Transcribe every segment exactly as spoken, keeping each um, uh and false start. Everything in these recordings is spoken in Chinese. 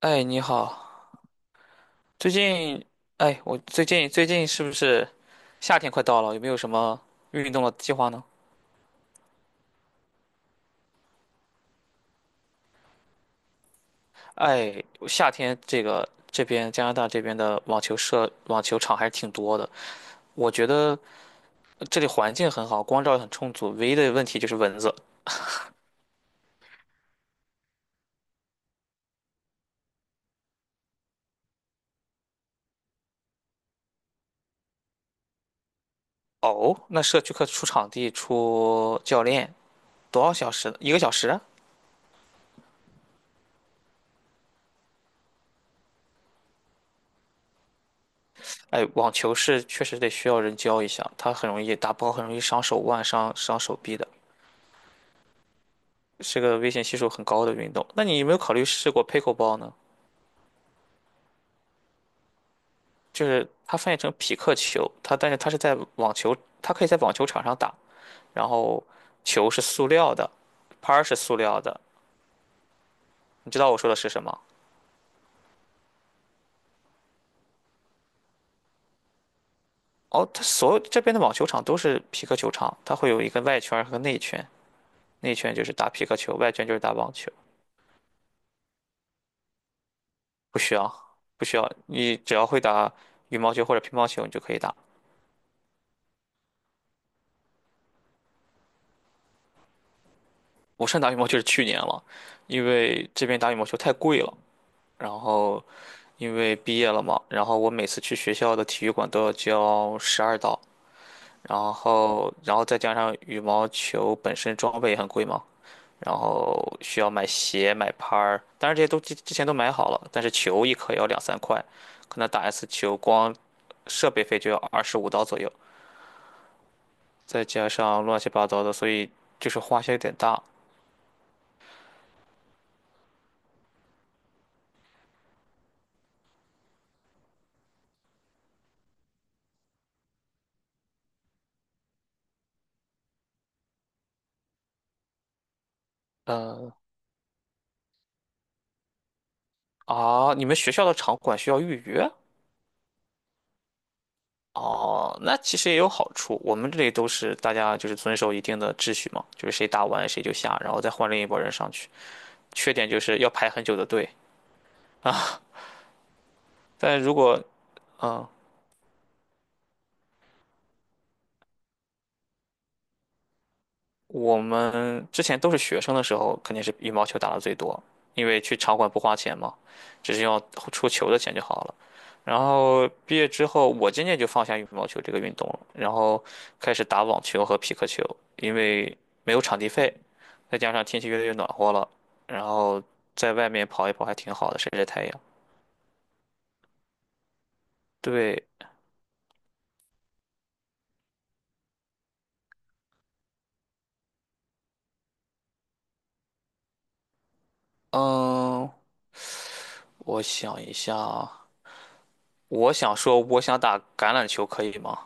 哎，你好。最近，哎，我最近最近是不是夏天快到了？有没有什么运动的计划呢？哎，夏天这个这边加拿大这边的网球社网球场还是挺多的。我觉得这里环境很好，光照很充足，唯一的问题就是蚊子。哦，那社区课出场地、出教练，多少小时？一个小时啊？哎，网球是确实得需要人教一下，它很容易打不好，很容易伤手腕、伤伤手臂的。是个危险系数很高的运动。那你有没有考虑试过 pickleball 呢？就是它翻译成匹克球，它但是它是在网球，它可以在网球场上打，然后球是塑料的，拍儿是塑料的。你知道我说的是什么？哦，它所有这边的网球场都是匹克球场，它会有一个外圈儿和内圈，内圈就是打匹克球，外圈就是打网球。不需要，不需要，你只要会打羽毛球或者乒乓球，你就可以打。我上打羽毛球是去年了，因为这边打羽毛球太贵了，然后。因为毕业了嘛，然后我每次去学校的体育馆都要交十二刀，然后然后再加上羽毛球本身装备也很贵嘛，然后需要买鞋、买拍儿，当然这些都之之前都买好了，但是球一颗也要两三块，可能打一次球光设备费就要二十五刀左右，再加上乱七八糟的，所以就是花销有点大。嗯，啊，你们学校的场馆需要预约？哦，那其实也有好处。我们这里都是大家就是遵守一定的秩序嘛，就是谁打完谁就下，然后再换另一拨人上去。缺点就是要排很久的队啊。但如果嗯，我们之前都是学生的时候，肯定是羽毛球打的最多，因为去场馆不花钱嘛，只是要出球的钱就好了。然后毕业之后，我渐渐就放下羽毛球这个运动了，然后开始打网球和匹克球，因为没有场地费，再加上天气越来越暖和了，然后在外面跑一跑还挺好的，晒晒太阳。对，嗯，我想一下啊，我想说，我想打橄榄球，可以吗？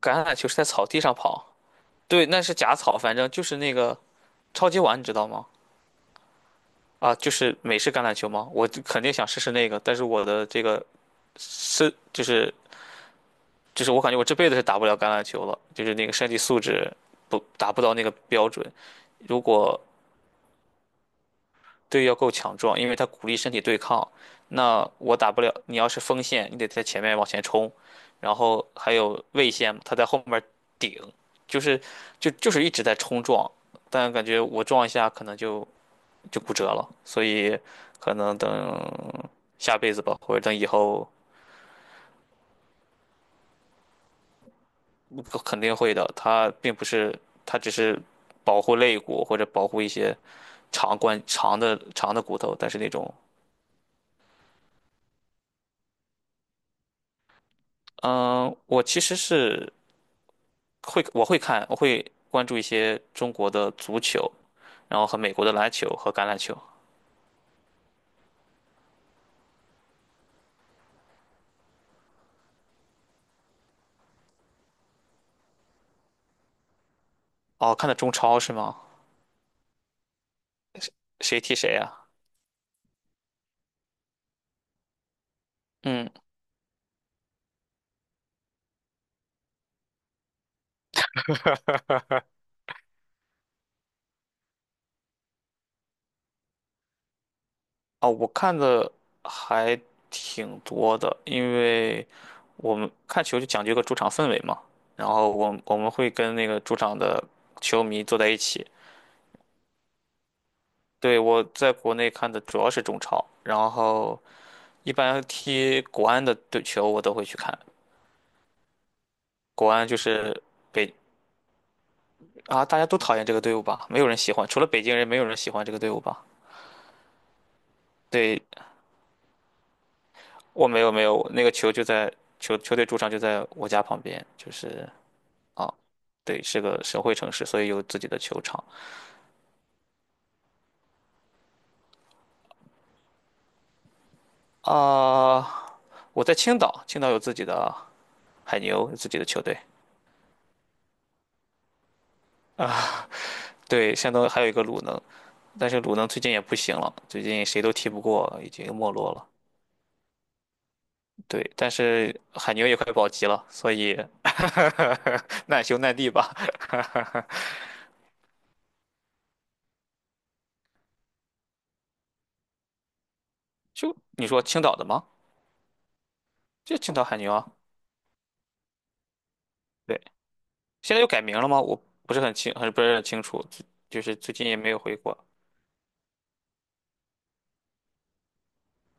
橄榄球是在草地上跑。对，那是假草，反正就是那个超级碗，你知道吗？啊，就是美式橄榄球吗？我就肯定想试试那个，但是我的这个身就是就是我感觉我这辈子是打不了橄榄球了，就是那个身体素质不达不到那个标准。如果队要够强壮，因为他鼓励身体对抗，那我打不了。你要是锋线，你得在前面往前冲，然后还有卫线，他在后面顶，就是就就是一直在冲撞，但感觉我撞一下可能就就骨折了，所以可能等下辈子吧，或者等以后肯定会的。他并不是，他只是保护肋骨或者保护一些长关长的长的骨头，但是那种，嗯，我其实是会我会看，我会关注一些中国的足球，然后和美国的篮球和橄榄球。哦，看的中超是吗？谁踢谁啊？嗯。啊，我看的还挺多的，因为我们看球就讲究一个主场氛围嘛。然后我我们会跟那个主场的球迷坐在一起。对，我在国内看的主要是中超，然后一般踢国安的队球我都会去看。国安就是北啊，大家都讨厌这个队伍吧？没有人喜欢，除了北京人，没有人喜欢这个队伍吧？对，我没有没有，那个球就在球球队主场就在我家旁边，就是。啊，对，是个省会城市，所以有自己的球场啊。我在青岛，青岛有自己的海牛，有自己的球队啊。对，山东还有一个鲁能，但是鲁能最近也不行了，最近谁都踢不过，已经没落了。对，但是海牛也快保级了，所以 难兄难弟吧。就你说青岛的吗？就青岛海牛啊。对，现在又改名了吗？我不是很清，很不是很清楚，就就是最近也没有回国。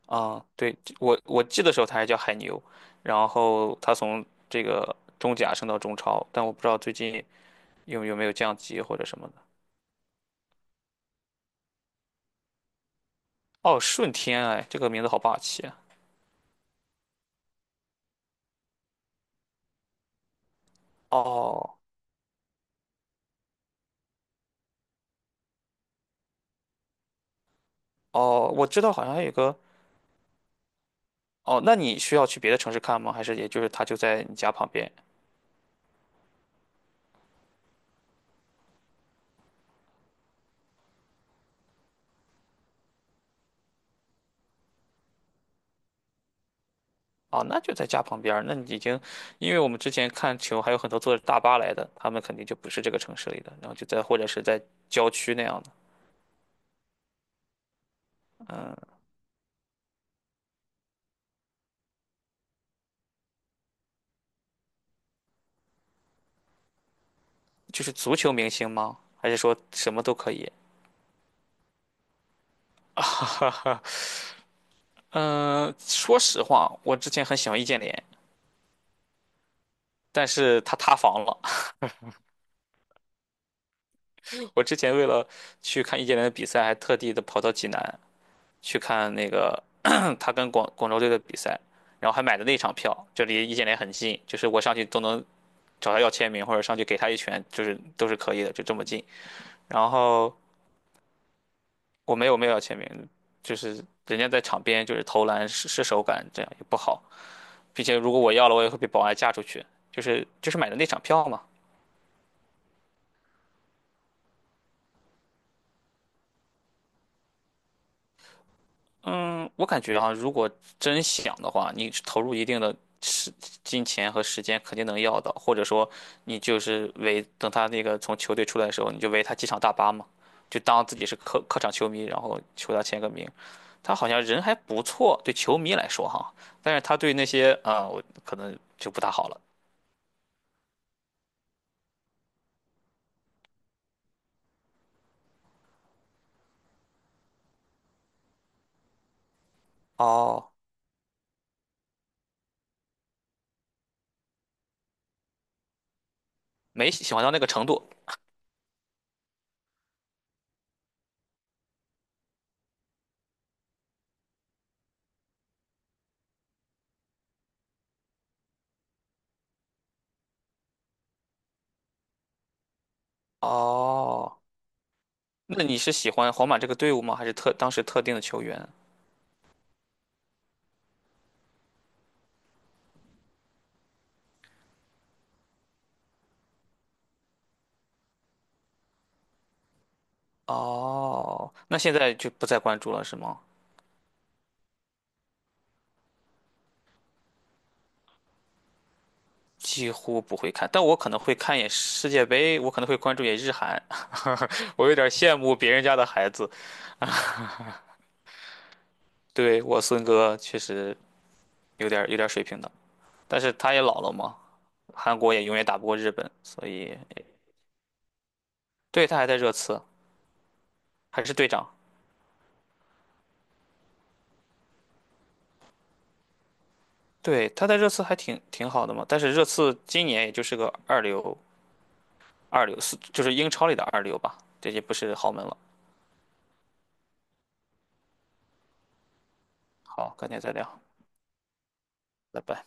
啊，对，我我记得时候他还叫海牛，然后他从这个中甲升到中超，但我不知道最近有有没有降级或者什么的。哦，顺天，哎，这个名字好霸气啊！哦哦，我知道，好像还有个。哦，那你需要去别的城市看吗？还是也就是他就在你家旁边？哦，那就在家旁边儿那你已经，因为我们之前看球还有很多坐着大巴来的，他们肯定就不是这个城市里的，然后就在或者是在郊区那样的。嗯。就是足球明星吗？还是说什么都可以？嗯，说实话，我之前很喜欢易建联，但是他塌房了。我之前为了去看易建联的比赛，还特地的跑到济南去看那个 他跟广广州队的比赛，然后还买的那场票，就离易建联很近，就是我上去都能找他要签名，或者上去给他一拳，就是都是可以的，就这么近。然后我没有没有要签名，就是人家在场边就是投篮试失手感，这样也不好。并且如果我要了，我也会被保安架出去。就是就是买的那场票嘛。嗯，我感觉啊，如果真想的话，你投入一定的时金钱和时间，肯定能要到。或者说，你就是为等他那个从球队出来的时候，你就为他机场大巴嘛，就当自己是客客场球迷，然后求他签个名。他好像人还不错，对球迷来说哈，但是他对那些啊、呃我可能就不大好了。哦，没喜欢到那个程度。哦。那你是喜欢皇马这个队伍吗？还是特当时特定的球员？哦，那现在就不再关注了是吗？几乎不会看，但我可能会看一眼世界杯，我可能会关注一眼日韩。我有点羡慕别人家的孩子。对，我孙哥确实有点有点水平的，但是他也老了嘛，韩国也永远打不过日本，所以对，他还在热刺，还是队长。对，他在热刺还挺挺好的嘛，但是热刺今年也就是个二流，二流是就是英超里的二流吧，这些不是豪门了。好，改天再聊，拜拜。